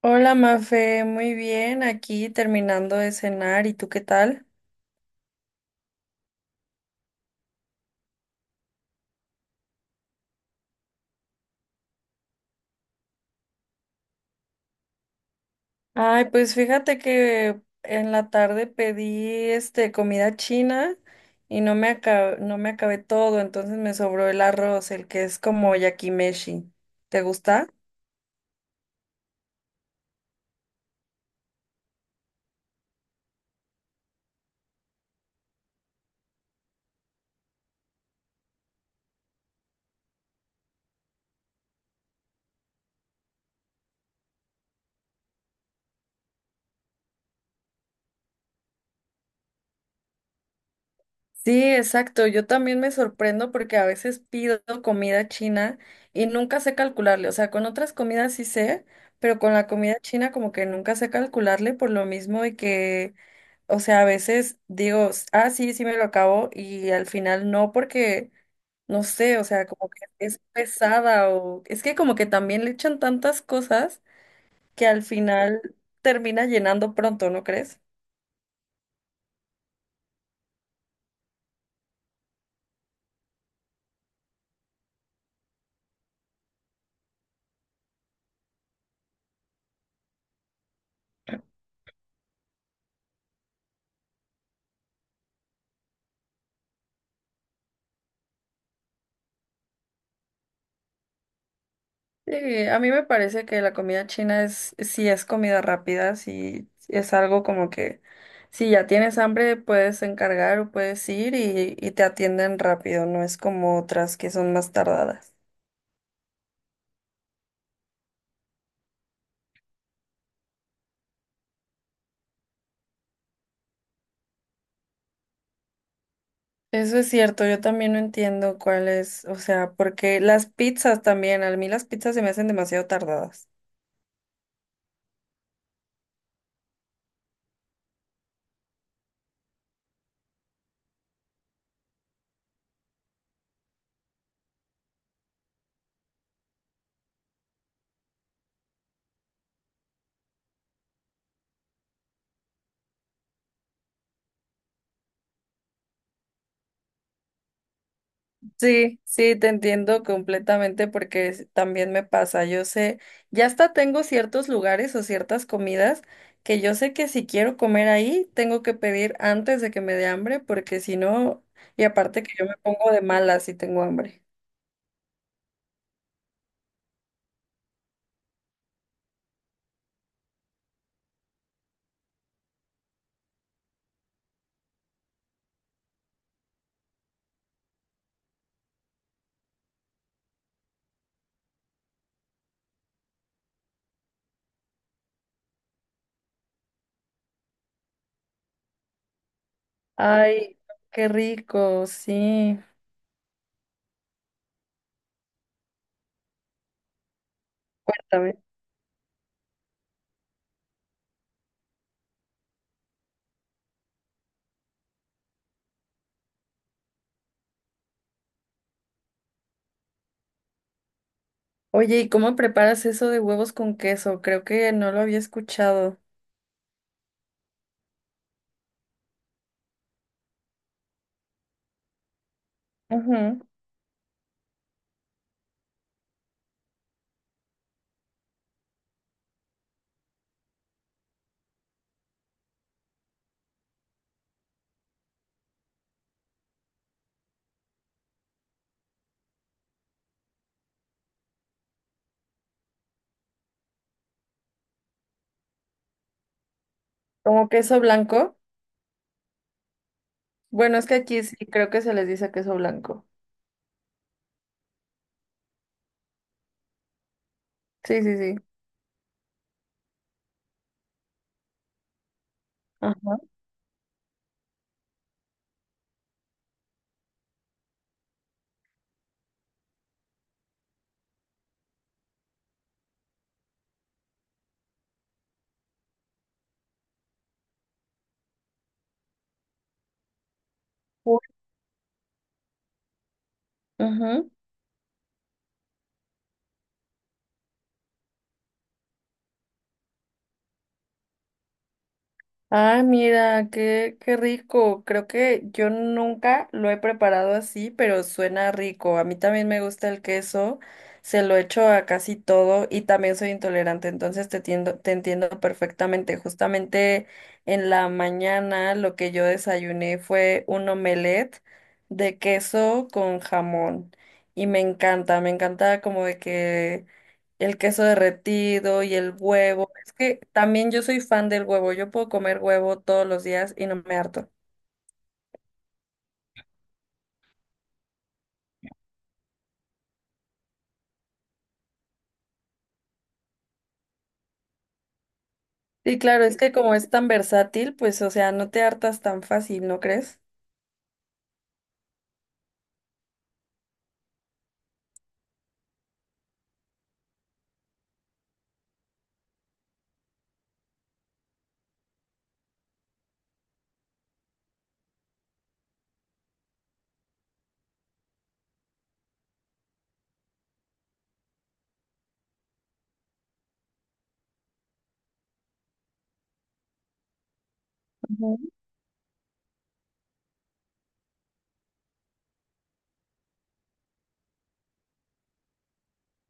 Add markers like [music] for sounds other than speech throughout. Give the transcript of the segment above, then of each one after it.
Hola Mafe, muy bien, aquí terminando de cenar, ¿y tú qué tal? Ay, pues fíjate que en la tarde pedí comida china y no me acabé todo, entonces me sobró el arroz, el que es como yakimeshi. ¿Te gusta? Sí, exacto. Yo también me sorprendo porque a veces pido comida china y nunca sé calcularle. O sea, con otras comidas sí sé, pero con la comida china como que nunca sé calcularle por lo mismo de que. O sea, a veces digo, ah, sí, sí me lo acabo y al final no porque, no sé, o sea, como que es pesada o es que como que también le echan tantas cosas que al final termina llenando pronto, ¿no crees? Sí, a mí me parece que la comida china es, si es comida rápida, si es algo como que si ya tienes hambre puedes encargar o puedes ir y te atienden rápido, no es como otras que son más tardadas. Eso es cierto, yo también no entiendo cuál es, o sea, porque las pizzas también, a mí las pizzas se me hacen demasiado tardadas. Sí, sí, te entiendo completamente porque también me pasa, yo sé, ya hasta tengo ciertos lugares o ciertas comidas que yo sé que si quiero comer ahí, tengo que pedir antes de que me dé hambre porque si no, y aparte que yo me pongo de malas si tengo hambre. Ay, qué rico, sí. Cuéntame. Oye, ¿y cómo preparas eso de huevos con queso? Creo que no lo había escuchado. Ujú. ¿Como queso blanco? Bueno, es que aquí sí creo que se les dice queso blanco. Sí, sí, sí. Ajá. Uy. Ujú. Ah, mira, qué, qué rico. Creo que yo nunca lo he preparado así, pero suena rico. A mí también me gusta el queso, se lo echo a casi todo y también soy intolerante, entonces te entiendo perfectamente. Justamente en la mañana lo que yo desayuné fue un omelette de queso con jamón y me encanta como de que el queso derretido y el huevo. Es que también yo soy fan del huevo. Yo puedo comer huevo todos los días y no me harto. Y claro, es que como es tan versátil, pues, o sea, no te hartas tan fácil, ¿no crees? Ujú.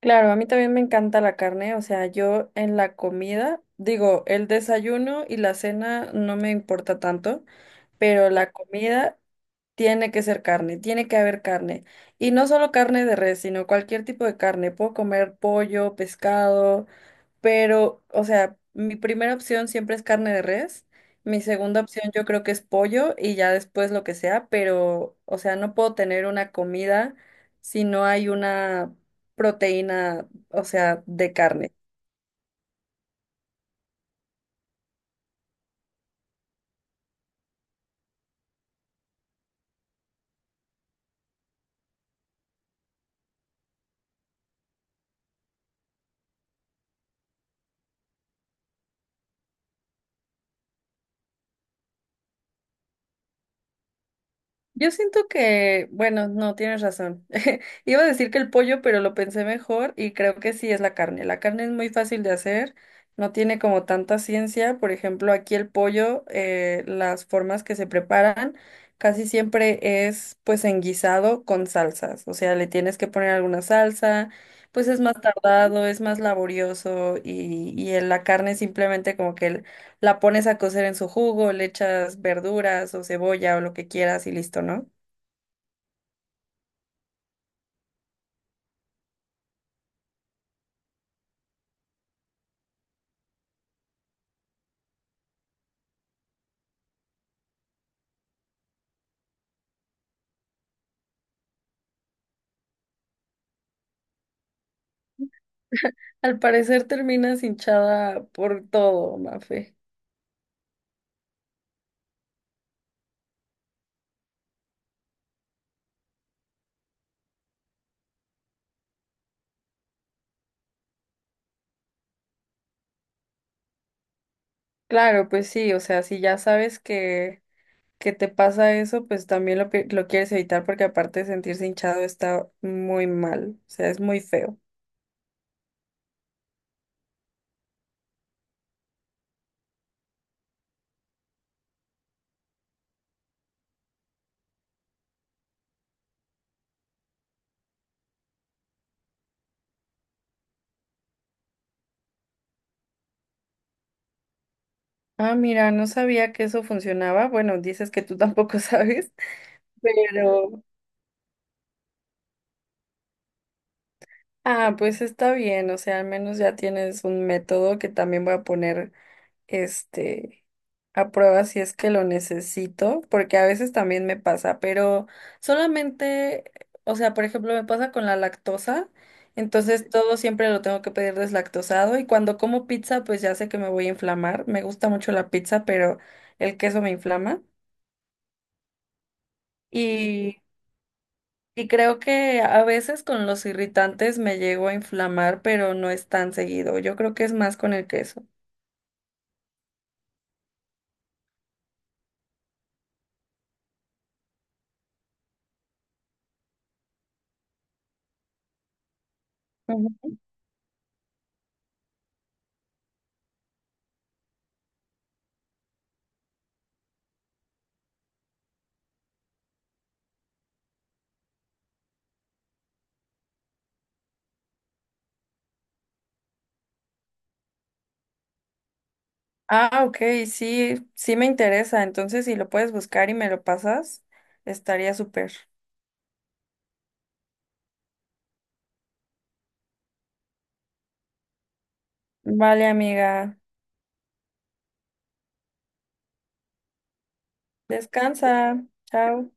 Claro, a mí también me encanta la carne, o sea, yo en la comida, digo, el desayuno y la cena no me importa tanto, pero la comida tiene que ser carne, tiene que haber carne. Y no solo carne de res, sino cualquier tipo de carne. Puedo comer pollo, pescado, pero, o sea, mi primera opción siempre es carne de res, mi segunda opción yo creo que es pollo y ya después lo que sea, pero, o sea, no puedo tener una comida si no hay una proteína, o sea, de carne. Yo siento que, bueno, no, tienes razón. [laughs] Iba a decir que el pollo, pero lo pensé mejor y creo que sí es la carne. La carne es muy fácil de hacer, no tiene como tanta ciencia. Por ejemplo, aquí el pollo, las formas que se preparan casi siempre es pues en guisado con salsas. O sea, le tienes que poner alguna salsa, pues es más tardado, es más laborioso y en la carne simplemente como que la pones a cocer en su jugo, le echas verduras o cebolla o lo que quieras y listo, ¿no? Al parecer terminas hinchada por todo, Mafe. Claro, pues sí, o sea, si ya sabes que te pasa eso, pues también lo quieres evitar porque aparte de sentirse hinchado está muy mal, o sea, es muy feo. Ah, mira, no sabía que eso funcionaba. Bueno, dices que tú tampoco [laughs] sabes, pero... Ah, pues está bien, o sea, al menos ya tienes un método que también voy a poner este, a prueba si es que lo necesito, porque a veces también me pasa, pero solamente, o sea, por ejemplo, me pasa con la lactosa, entonces todo siempre lo tengo que pedir deslactosado y cuando como pizza, pues ya sé que me voy a inflamar, me gusta mucho la pizza, pero el queso me inflama y... Y creo que a veces con los irritantes me llego a inflamar, pero no es tan seguido. Yo creo que es más con el queso. Ujú. Ah, ok, sí, sí me interesa. Entonces, si lo puedes buscar y me lo pasas, estaría súper. Vale, amiga. Descansa. Chao.